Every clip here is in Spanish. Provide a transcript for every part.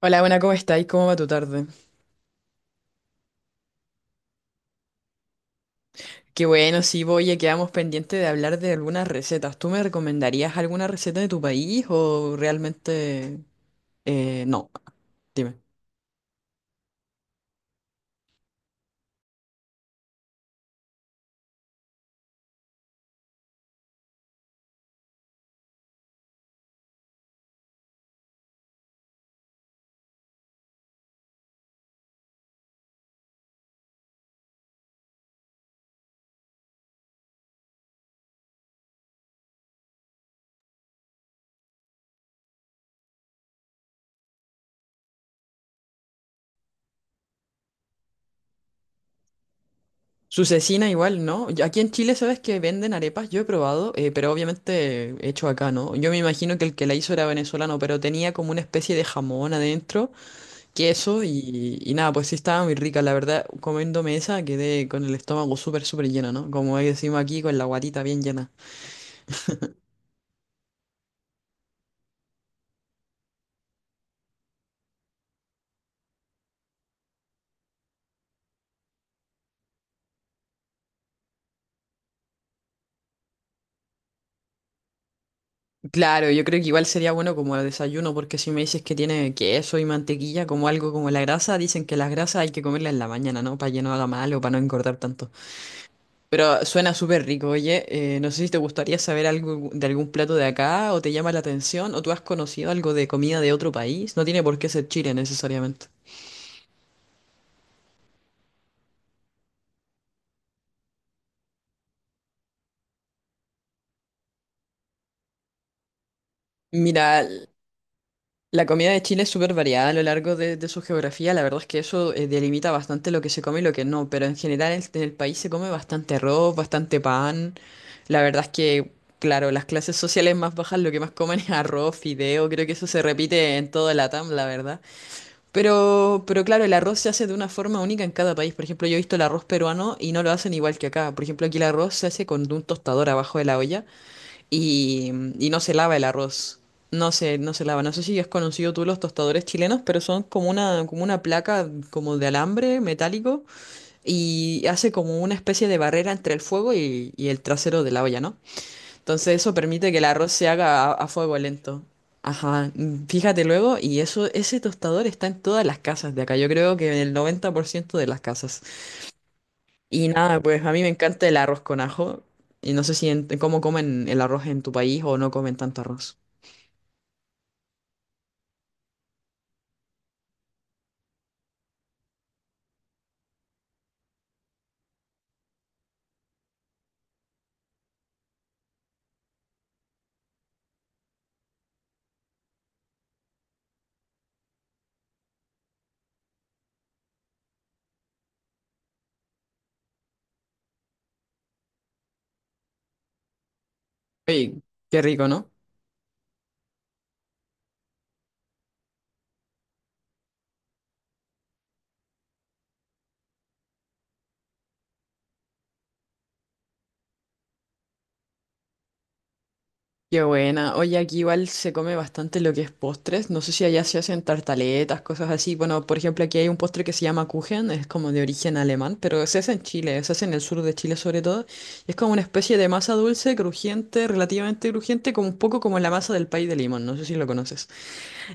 Hola, buena, ¿cómo estáis? ¿Cómo va tu tarde? Qué bueno, sí, voy, ya quedamos pendientes de hablar de algunas recetas. ¿Tú me recomendarías alguna receta de tu país o realmente no? Dime. Su cecina igual, ¿no? Yo- Aquí en Chile, ¿sabes que venden arepas? Yo he probado, pero obviamente hecho acá, ¿no? Yo me imagino que el que la hizo era venezolano, pero tenía como una especie de jamón adentro, queso y nada, pues sí estaba muy rica. La verdad, comiéndome esa quedé con el estómago súper, súper lleno, ¿no? Como decimos aquí, con la guatita bien llena. Claro, yo creo que igual sería bueno como desayuno, porque si me dices que tiene queso y mantequilla como algo como la grasa, dicen que las grasas hay que comerlas en la mañana, ¿no? Para que no haga mal o para no engordar tanto. Pero suena súper rico, oye, no sé si te gustaría saber algo de algún plato de acá o te llama la atención o tú has conocido algo de comida de otro país, no tiene por qué ser Chile necesariamente. Mira, la comida de Chile es súper variada a lo largo de su geografía. La verdad es que eso delimita bastante lo que se come y lo que no. Pero en general en el país se come bastante arroz, bastante pan. La verdad es que, claro, las clases sociales más bajas lo que más comen es arroz, fideo. Creo que eso se repite en toda la Latam, la verdad. Pero claro, el arroz se hace de una forma única en cada país. Por ejemplo, yo he visto el arroz peruano y no lo hacen igual que acá. Por ejemplo, aquí el arroz se hace con un tostador abajo de la olla y, y no se lava el arroz. No se lava. No sé si has conocido tú los tostadores chilenos, pero son como una placa como de alambre metálico y hace como una especie de barrera entre el fuego y el trasero de la olla, ¿no? Entonces eso permite que el arroz se haga a fuego lento. Ajá, mm, fíjate luego, y eso, ese tostador está en todas las casas de acá. Yo creo que en el 90% de las casas. Y nada, pues a mí me encanta el arroz con ajo. Y no sé si en- cómo comen el arroz en tu país o no comen tanto arroz. Oye, qué rico, ¿no? Qué buena. Oye, aquí igual se come bastante lo que es postres. No sé si allá se hacen tartaletas, cosas así. Bueno, por ejemplo, aquí hay un postre que se llama Kuchen, es como de origen alemán, pero se hace en Chile, se hace en el sur de Chile sobre todo. Y es como una especie de masa dulce, crujiente, relativamente crujiente, como un poco como la masa del pay de limón. No sé si lo conoces.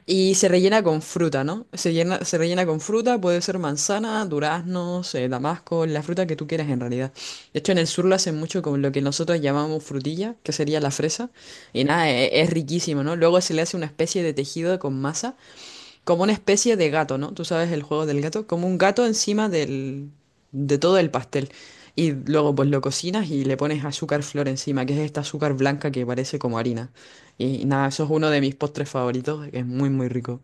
Y se rellena con fruta, ¿no? Se llena- se rellena con fruta, puede ser manzana, duraznos, damasco, la fruta que tú quieras en realidad. De hecho, en el sur lo hacen mucho con lo que nosotros llamamos frutilla, que sería la fresa. Y nada, e- es, riquísimo, ¿no? Luego se le hace una especie de tejido con masa como una especie de gato, ¿no? Tú sabes el juego del gato, como un gato encima del, de todo el pastel. Y luego pues lo cocinas y le pones azúcar flor encima, que es esta azúcar blanca que parece como harina. Y nada, eso es uno de mis postres favoritos, que es muy muy rico.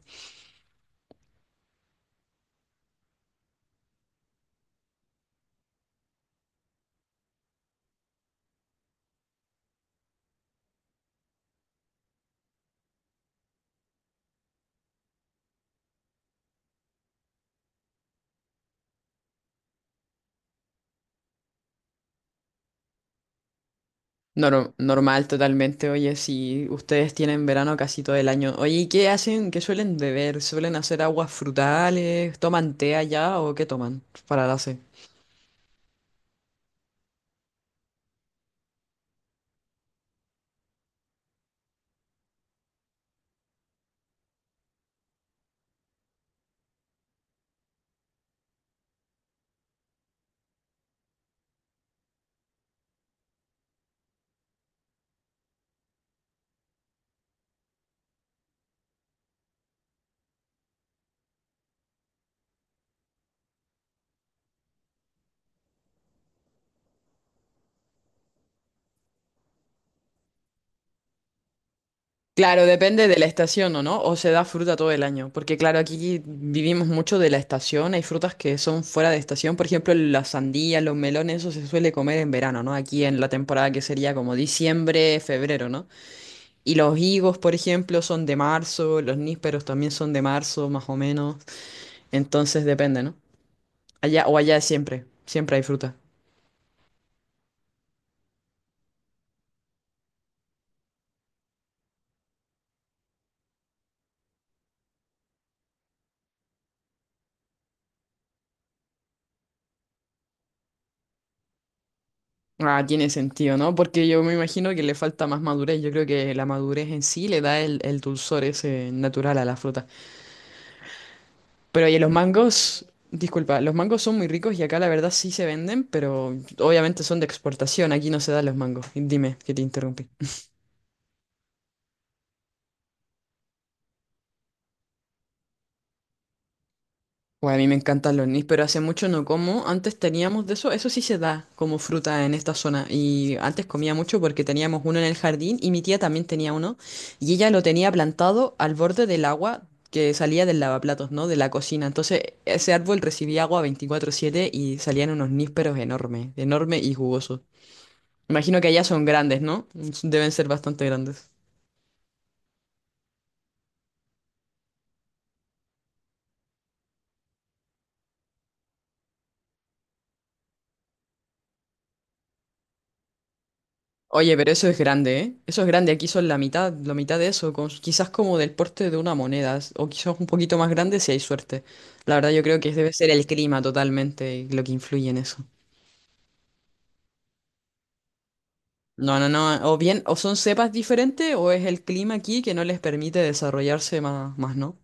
Nor- normal totalmente, oye, si ustedes tienen verano casi todo el año. Oye, ¿y qué hacen? ¿Qué suelen beber? ¿Suelen hacer aguas frutales? ¿Toman té allá o qué toman para la sed? Claro, depende de la estación o no, o se da fruta todo el año, porque claro, aquí vivimos mucho de la estación, hay frutas que son fuera de estación, por ejemplo, las sandías, los melones, eso se suele comer en verano, ¿no? Aquí en la temporada que sería como diciembre, febrero, ¿no? Y los higos, por ejemplo, son de marzo, los nísperos también son de marzo, más o menos, entonces depende, ¿no? Allá o allá siempre, siempre hay fruta. Ah, tiene sentido, ¿no? Porque yo me imagino que le falta más madurez. Yo creo que la madurez en sí le da el dulzor ese natural a la fruta. Pero oye, los mangos, disculpa, los mangos son muy ricos y acá la verdad sí se venden, pero obviamente son de exportación, aquí no se dan los mangos. Dime, que te interrumpí. Bueno, a mí me encantan los nis, pero hace mucho no como. Antes teníamos de eso, eso sí se da como fruta en esta zona. Y antes comía mucho porque teníamos uno en el jardín y mi tía también tenía uno. Y ella lo tenía plantado al borde del agua que salía del lavaplatos, ¿no? De la cocina. Entonces ese árbol recibía agua 24/7 y salían unos nísperos enormes, enormes y jugosos. Imagino que allá son grandes, ¿no? Deben ser bastante grandes. Oye, pero eso es grande, ¿eh? Eso es grande. Aquí son la mitad de eso, con- quizás como del porte de una moneda, s- o quizás un poquito más grande si hay suerte. La verdad, yo creo que debe ser el clima totalmente lo que influye en eso. No, no, no. O bien, o son cepas diferentes, o es el clima aquí que no les permite desarrollarse más, más, ¿no?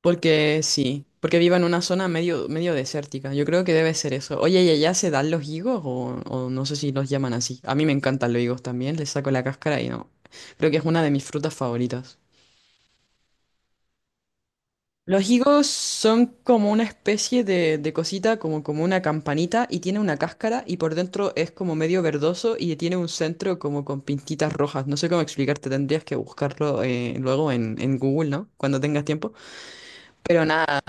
Porque sí, porque vivo en una zona medio, medio desértica. Yo creo que debe ser eso. Oye, ¿y allá se dan los higos o no sé si los llaman así? A mí me encantan los higos también, les saco la cáscara y no. Creo que es una de mis frutas favoritas. Los higos son como una especie de cosita, como, como una campanita, y tiene una cáscara, y por dentro es como medio verdoso y tiene un centro como con pintitas rojas. No sé cómo explicarte, tendrías que buscarlo luego en Google, ¿no? Cuando tengas tiempo. Pero nada,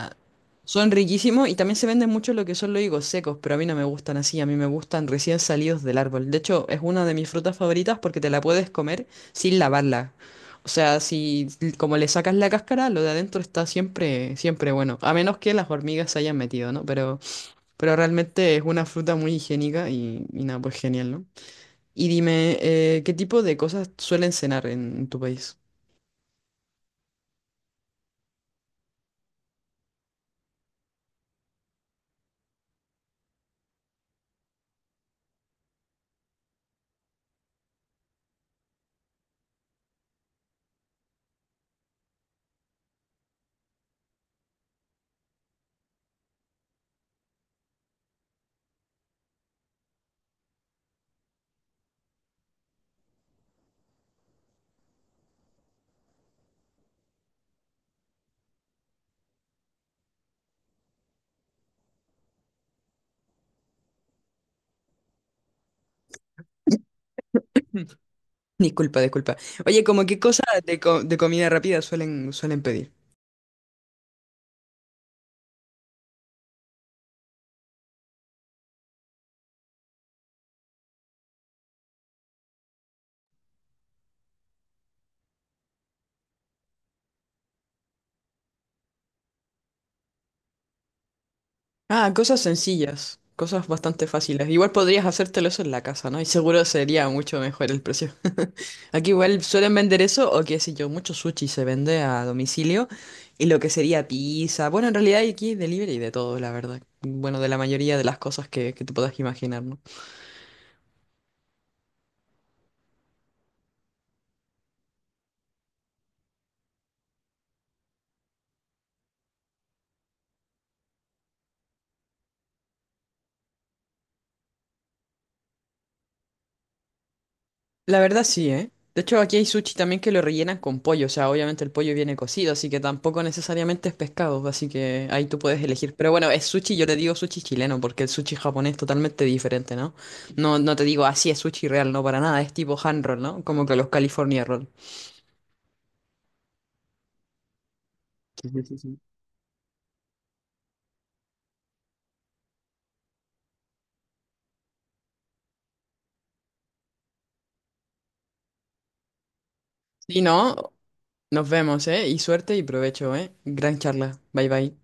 son riquísimos y también se venden mucho lo que son los higos secos, pero a mí no me gustan así, a mí me gustan recién salidos del árbol. De hecho, es una de mis frutas favoritas porque te la puedes comer sin lavarla. O sea, si como le sacas la cáscara, lo de adentro está siempre, siempre bueno. A menos que las hormigas se hayan metido, ¿no? Pero realmente es una fruta muy higiénica y nada, pues genial, ¿no? Y dime, ¿qué tipo de cosas suelen cenar en tu país? Disculpa, disculpa. Oye, ¿como qué cosas de, co- de comida rápida suelen, suelen pedir? Ah, cosas sencillas, cosas bastante fáciles. Igual podrías hacértelo eso en la casa, ¿no? Y seguro sería mucho mejor el precio. Aquí igual suelen vender eso, o qué sé yo, mucho sushi se vende a domicilio. Y lo que sería pizza. Bueno, en realidad hay aquí delivery de todo, la verdad. Bueno, de la mayoría de las cosas que te puedas imaginar, ¿no? La verdad sí, ¿eh? De hecho, aquí hay sushi también que lo rellenan con pollo, o sea, obviamente el pollo viene cocido, así que tampoco necesariamente es pescado, así que ahí tú puedes elegir. Pero bueno, es sushi, yo le digo sushi chileno, porque el sushi japonés es totalmente diferente, ¿no? No, no te digo así es sushi real, no para nada, es tipo hand roll, ¿no? Como que los California roll. Sí, sí, sí, sí. Y no, nos vemos, ¿eh? Y suerte y provecho, ¿eh? Gran charla. Bye bye.